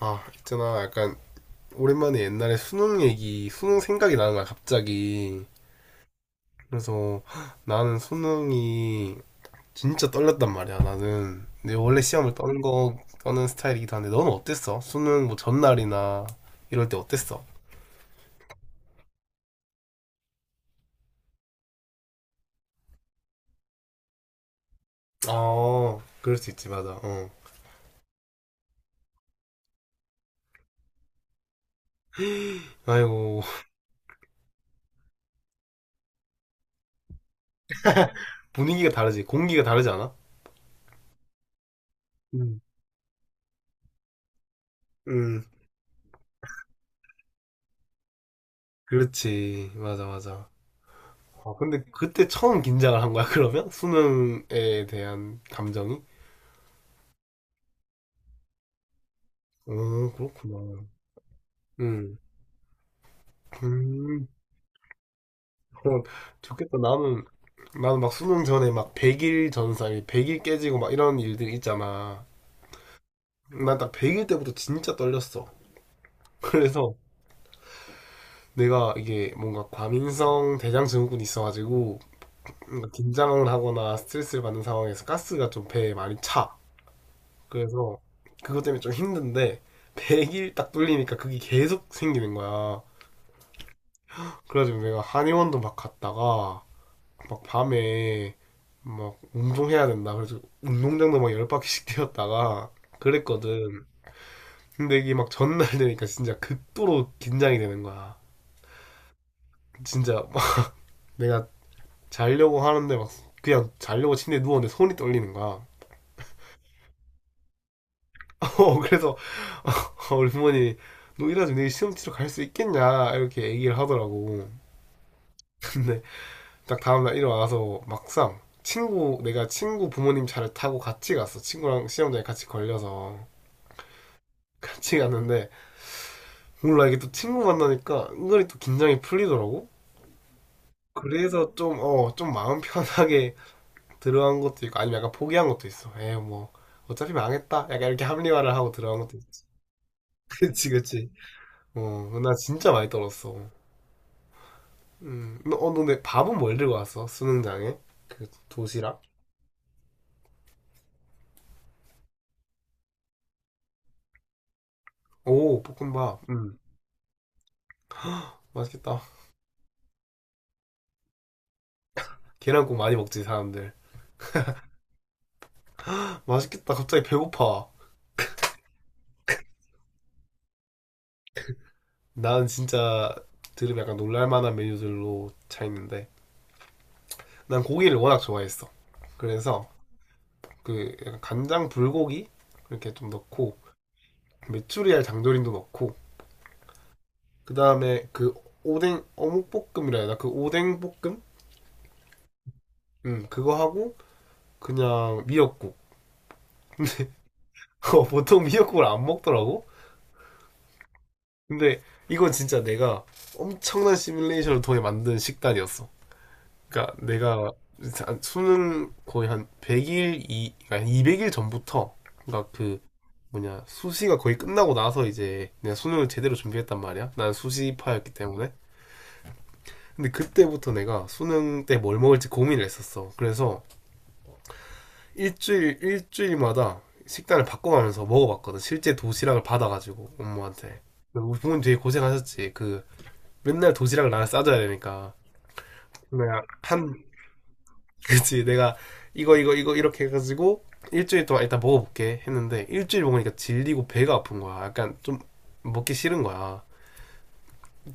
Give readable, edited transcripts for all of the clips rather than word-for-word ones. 아 있잖아 약간 오랜만에 옛날에 수능 얘기 수능 생각이 나는 거야 갑자기. 그래서 나는 수능이 진짜 떨렸단 말이야. 나는 근데 원래 시험을 떠는 스타일이기도 한데 너는 어땠어? 수능 뭐 전날이나 이럴 때 어땠어? 아 그럴 수 있지, 맞아. 어, 아이고. 분위기가 다르지. 공기가 다르지 않아? 음. 음. 그렇지, 맞아 맞아. 아 근데 그때 처음 긴장을 한 거야? 그러면 수능에 대한 감정이? 어, 그렇구나. 음, 음, 그럼. 좋겠다. 나는 막 수능 전에 막 100일 전사, 100일 깨지고 막 이런 일들이 있잖아. 난 딱 100일 때부터 진짜 떨렸어. 그래서 내가 이게 뭔가 과민성 대장증후군이 있어가지고, 뭔가 긴장을 하거나 스트레스를 받는 상황에서 가스가 좀 배에 많이 차. 그래서 그것 때문에 좀 힘든데, 100일 딱 뚫리니까 그게 계속 생기는 거야. 그래가지고 내가 한의원도 막 갔다가, 막 밤에 막 운동해야 된다. 그래서 운동장도 막 열 바퀴씩 뛰었다가 그랬거든. 근데 이게 막 전날 되니까 진짜 극도로 긴장이 되는 거야. 진짜 막 내가 자려고 하는데 막 그냥 자려고 침대에 누웠는데 손이 떨리는 거야. 어, 그래서 우리 부모님이 너 이래가지고 내일 시험 치러 갈 수 있겠냐 이렇게 얘기를 하더라고. 근데 딱 다음날 일어나서 막상 친구 부모님 차를 타고 같이 갔어. 친구랑 시험장에 같이 걸려서. 같이 갔는데 몰라, 이게 또 친구 만나니까 은근히 또 긴장이 풀리더라고. 그래서 좀, 어, 좀 마음 편하게 들어간 것도 있고, 아니면 약간 포기한 것도 있어. 에이 뭐 어차피 망했다. 약간 이렇게 합리화를 하고 들어간 것도 있어. 그치 그치. 어, 나 진짜 많이 떨었어. 너 근데 밥은 뭘 들고 왔어? 수능장에? 그 도시락? 오, 볶음밥. 맛있겠다. 계란국 많이 먹지 사람들. 맛있겠다. 갑자기 배고파. 나는 진짜 들으면 약간 놀랄만한 메뉴들로 차 있는데. 난 고기를 워낙 좋아했어. 그래서 그 약간 간장 불고기 이렇게 좀 넣고, 메추리알 장조림도 넣고, 그 다음에 그 오뎅 어묵볶음이라 해야 되나 그 오뎅 볶음. 음, 그거 하고 그냥 미역국. 보통 미역국을 안 먹더라고. 근데 이건 진짜 내가 엄청난 시뮬레이션을 통해 만든 식단이었어. 그러니까 내가 수능 거의 한 100일 이 그러니까 한 200일 전부터, 그러니까 그 뭐냐 수시가 거의 끝나고 나서 이제 내가 수능을 제대로 준비했단 말이야. 난 수시파였기 때문에. 근데 그때부터 내가 수능 때 뭘 먹을지 고민을 했었어. 그래서 일주일마다 식단을 바꿔가면서 먹어봤거든. 실제 도시락을 받아가지고 엄마한테. 우리 부모님 되게 고생하셨지. 그 맨날 도시락을 나를 싸줘야 되니까. 내가 한 그치, 내가 이거 이거 이거 이렇게 해가지고 일주일 동안 일단 먹어볼게 했는데 일주일 먹으니까 질리고 배가 아픈 거야. 약간 좀 먹기 싫은 거야.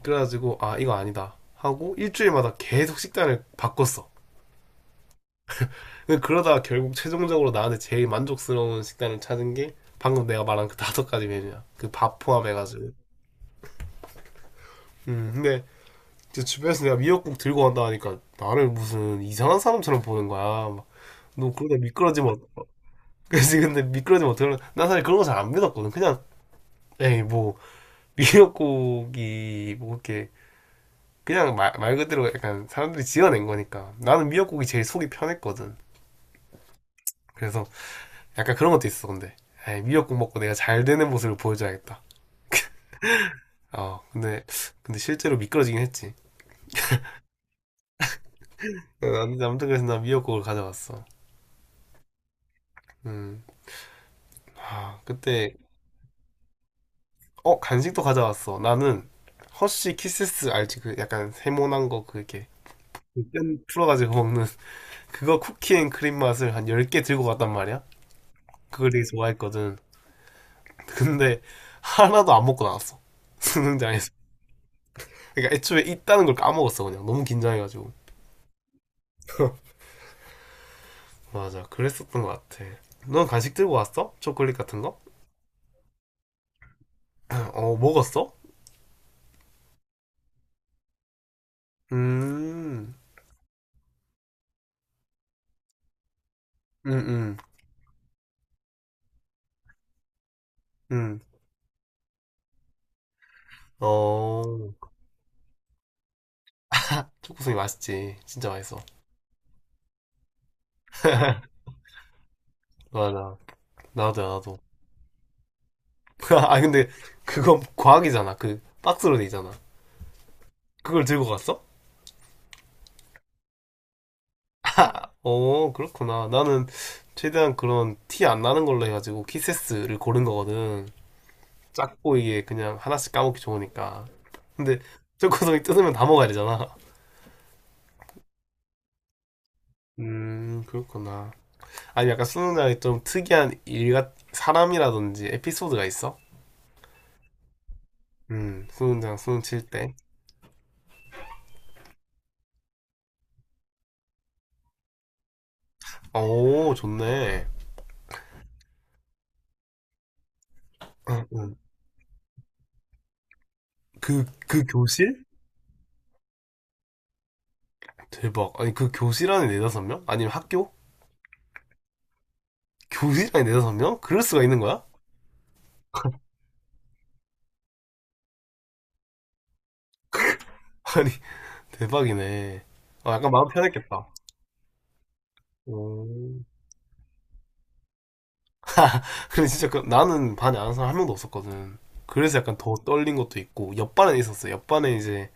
그래가지고 아 이거 아니다 하고 일주일마다 계속 식단을 바꿨어. 그러다가 결국 최종적으로 나한테 제일 만족스러운 식단을 찾은 게 방금 내가 말한 그 다섯 가지 메뉴야. 그 밥 포함해가지고. 근데 이제 주변에서 내가 미역국 들고 간다 하니까 나를 무슨 이상한 사람처럼 보는 거야. 막, 너 그러다 미끄러지면 어- 그래서 근데 미끄러지면 어떡하나, 난 사실 그런 거 잘 안 믿었거든. 그냥 에이 뭐 미역국이 뭐 이렇게 그냥 말 그대로 약간 사람들이 지어낸 거니까. 나는 미역국이 제일 속이 편했거든. 그래서 약간 그런 것도 있어. 근데 에이, 미역국 먹고 내가 잘 되는 모습을 보여줘야겠다. 어 근데, 근데 실제로 미끄러지긴 했지. 어, 아무튼 그래서 난 미역국을 가져왔어. 음. 아 그때 어 간식도 가져왔어. 나는 허쉬 키세스 알지? 그 약간 세모난 거, 그게 뼈 풀어가지고 먹는 그거 쿠키앤 크림 맛을 한 10개 들고 갔단 말이야. 그걸 되게 좋아했거든. 근데 하나도 안 먹고 나왔어. 수능장에서. 그러니까 애초에 있다는 걸 까먹었어 그냥. 너무 긴장해가지고. 맞아. 그랬었던 것 같아. 넌 간식 들고 왔어? 초콜릿 같은 거? 어, 먹었어? 음, 음, 음, 음. 어, 초코송이 맛있지. 진짜 맛있어. 맞아. 나도 나도. 아, 근데 그건 과학이잖아. 그 박스로 돼 있잖아. 그걸 들고 갔어? 어, 그렇구나. 나는 최대한 그런 티 안 나는 걸로 해가지고 키세스를 고른 거거든. 작고 이게 그냥 하나씩 까먹기 좋으니까. 근데 초코송이 뜯으면 다 먹어야 되잖아. 그렇구나. 아니, 약간 수능장이 좀 특이한 일같, 사람이라든지 에피소드가 있어? 수능 칠 때. 오, 좋네. 응, 응. 그 교실? 대박. 아니, 그 교실 안에 네다섯 명? 아니면 학교? 교실 안에 네다섯 명? 그럴 수가 있는 거야? 아니, 대박이네. 아, 약간 마음 편했겠다. 오. 근데 진짜 그, 나는 반에 아는 사람 한 명도 없었거든. 그래서 약간 더 떨린 것도 있고, 옆반에 있었어. 옆반에 이제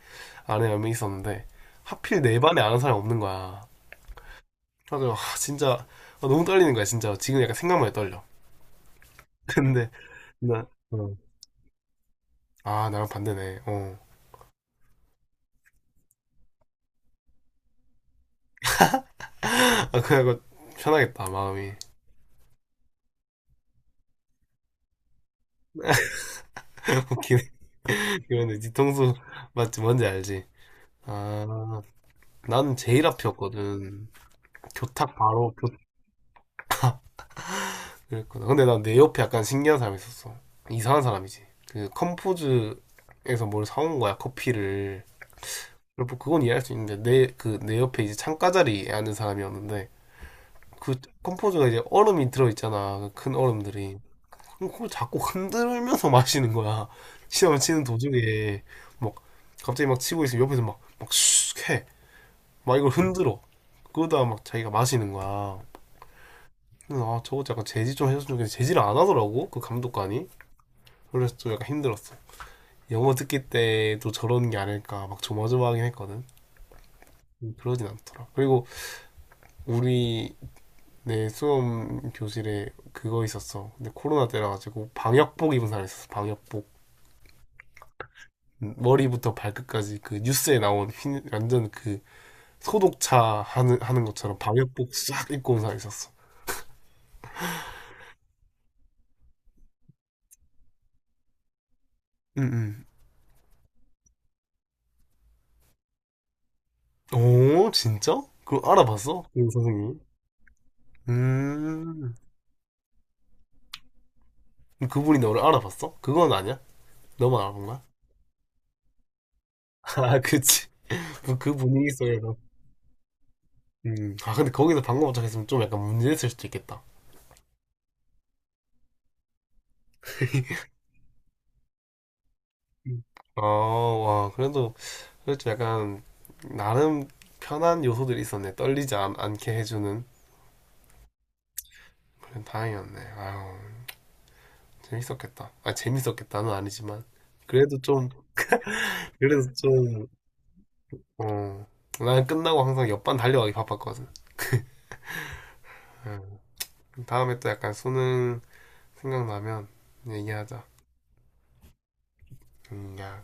아는 몇 명 있었는데 하필 내 반에 아는 사람이 없는 거야. 그래서 아, 진짜 아, 너무 떨리는 거야 진짜. 지금 약간 생각만 해도 떨려. 근데 나, 어. 아 나랑 반대네. 어. 아 그래갖고 편하겠다 마음이. 웃기네. 이거는 뒤통수 맞지 뭔지 알지. 아 나는 제일 앞이었거든. 교탁 바로 교 그랬거든. 근데 난 내 옆에 약간 신기한 사람이 있었어. 이상한 사람이지. 그 컴포즈에서 뭘 사온 거야 커피를. 그리고 뭐 그건 이해할 수 있는데 내 옆에 이제 창가 자리에 앉은 사람이었는데, 그 컴포즈가 이제 얼음이 들어 있잖아 큰 얼음들이. 그럼 그걸 자꾸 흔들면서 마시는 거야. 시험을 치는 도중에 막 갑자기 막 치고 있으면 옆에서 막막슉해막 이걸 흔들어. 그러다가 막 자기가 마시는 거야. 그래서 아 저거 약간 제지 좀 해줬으면 좋겠는데 제지를 안 하더라고 그 감독관이. 그래서 좀 약간 힘들었어. 영어 듣기 때도 저런 게 아닐까 막 조마조마하긴 했거든. 그러진 않더라. 그리고 우리 내 수험 교실에 그거 있었어. 근데 코로나 때라가지고 방역복 입은 사람 있었어. 방역복. 머리부터 발끝까지 그 뉴스에 나온 흰, 완전 그 소독차 하는 것처럼 방역복 싹 입고 온 사람 있었어. 응, 응. 오, 진짜? 그걸 알아봤어? 그 선생님이? 음. 그분이 너를 알아봤어? 그건 아니야? 너만 알아본 거야? 아, 그치. 그 분위기 속에서. 음. 아, 근데 거기서 방금 도착했으면 좀 약간 문제 됐을 수도 있겠다. 아, 와, 그래도 그렇죠. 약간 나름 편한 요소들이 있었네. 않게 해주는 그런. 다행이었네. 아유 재밌었겠다. 아 재밌었겠다는 아니지만 그래도 좀, 그래도 좀 어. 난 끝나고 항상 옆반 달려가기 바빴거든. 음. 다음에 또 약간 수능 생각나면 얘기하자. 야.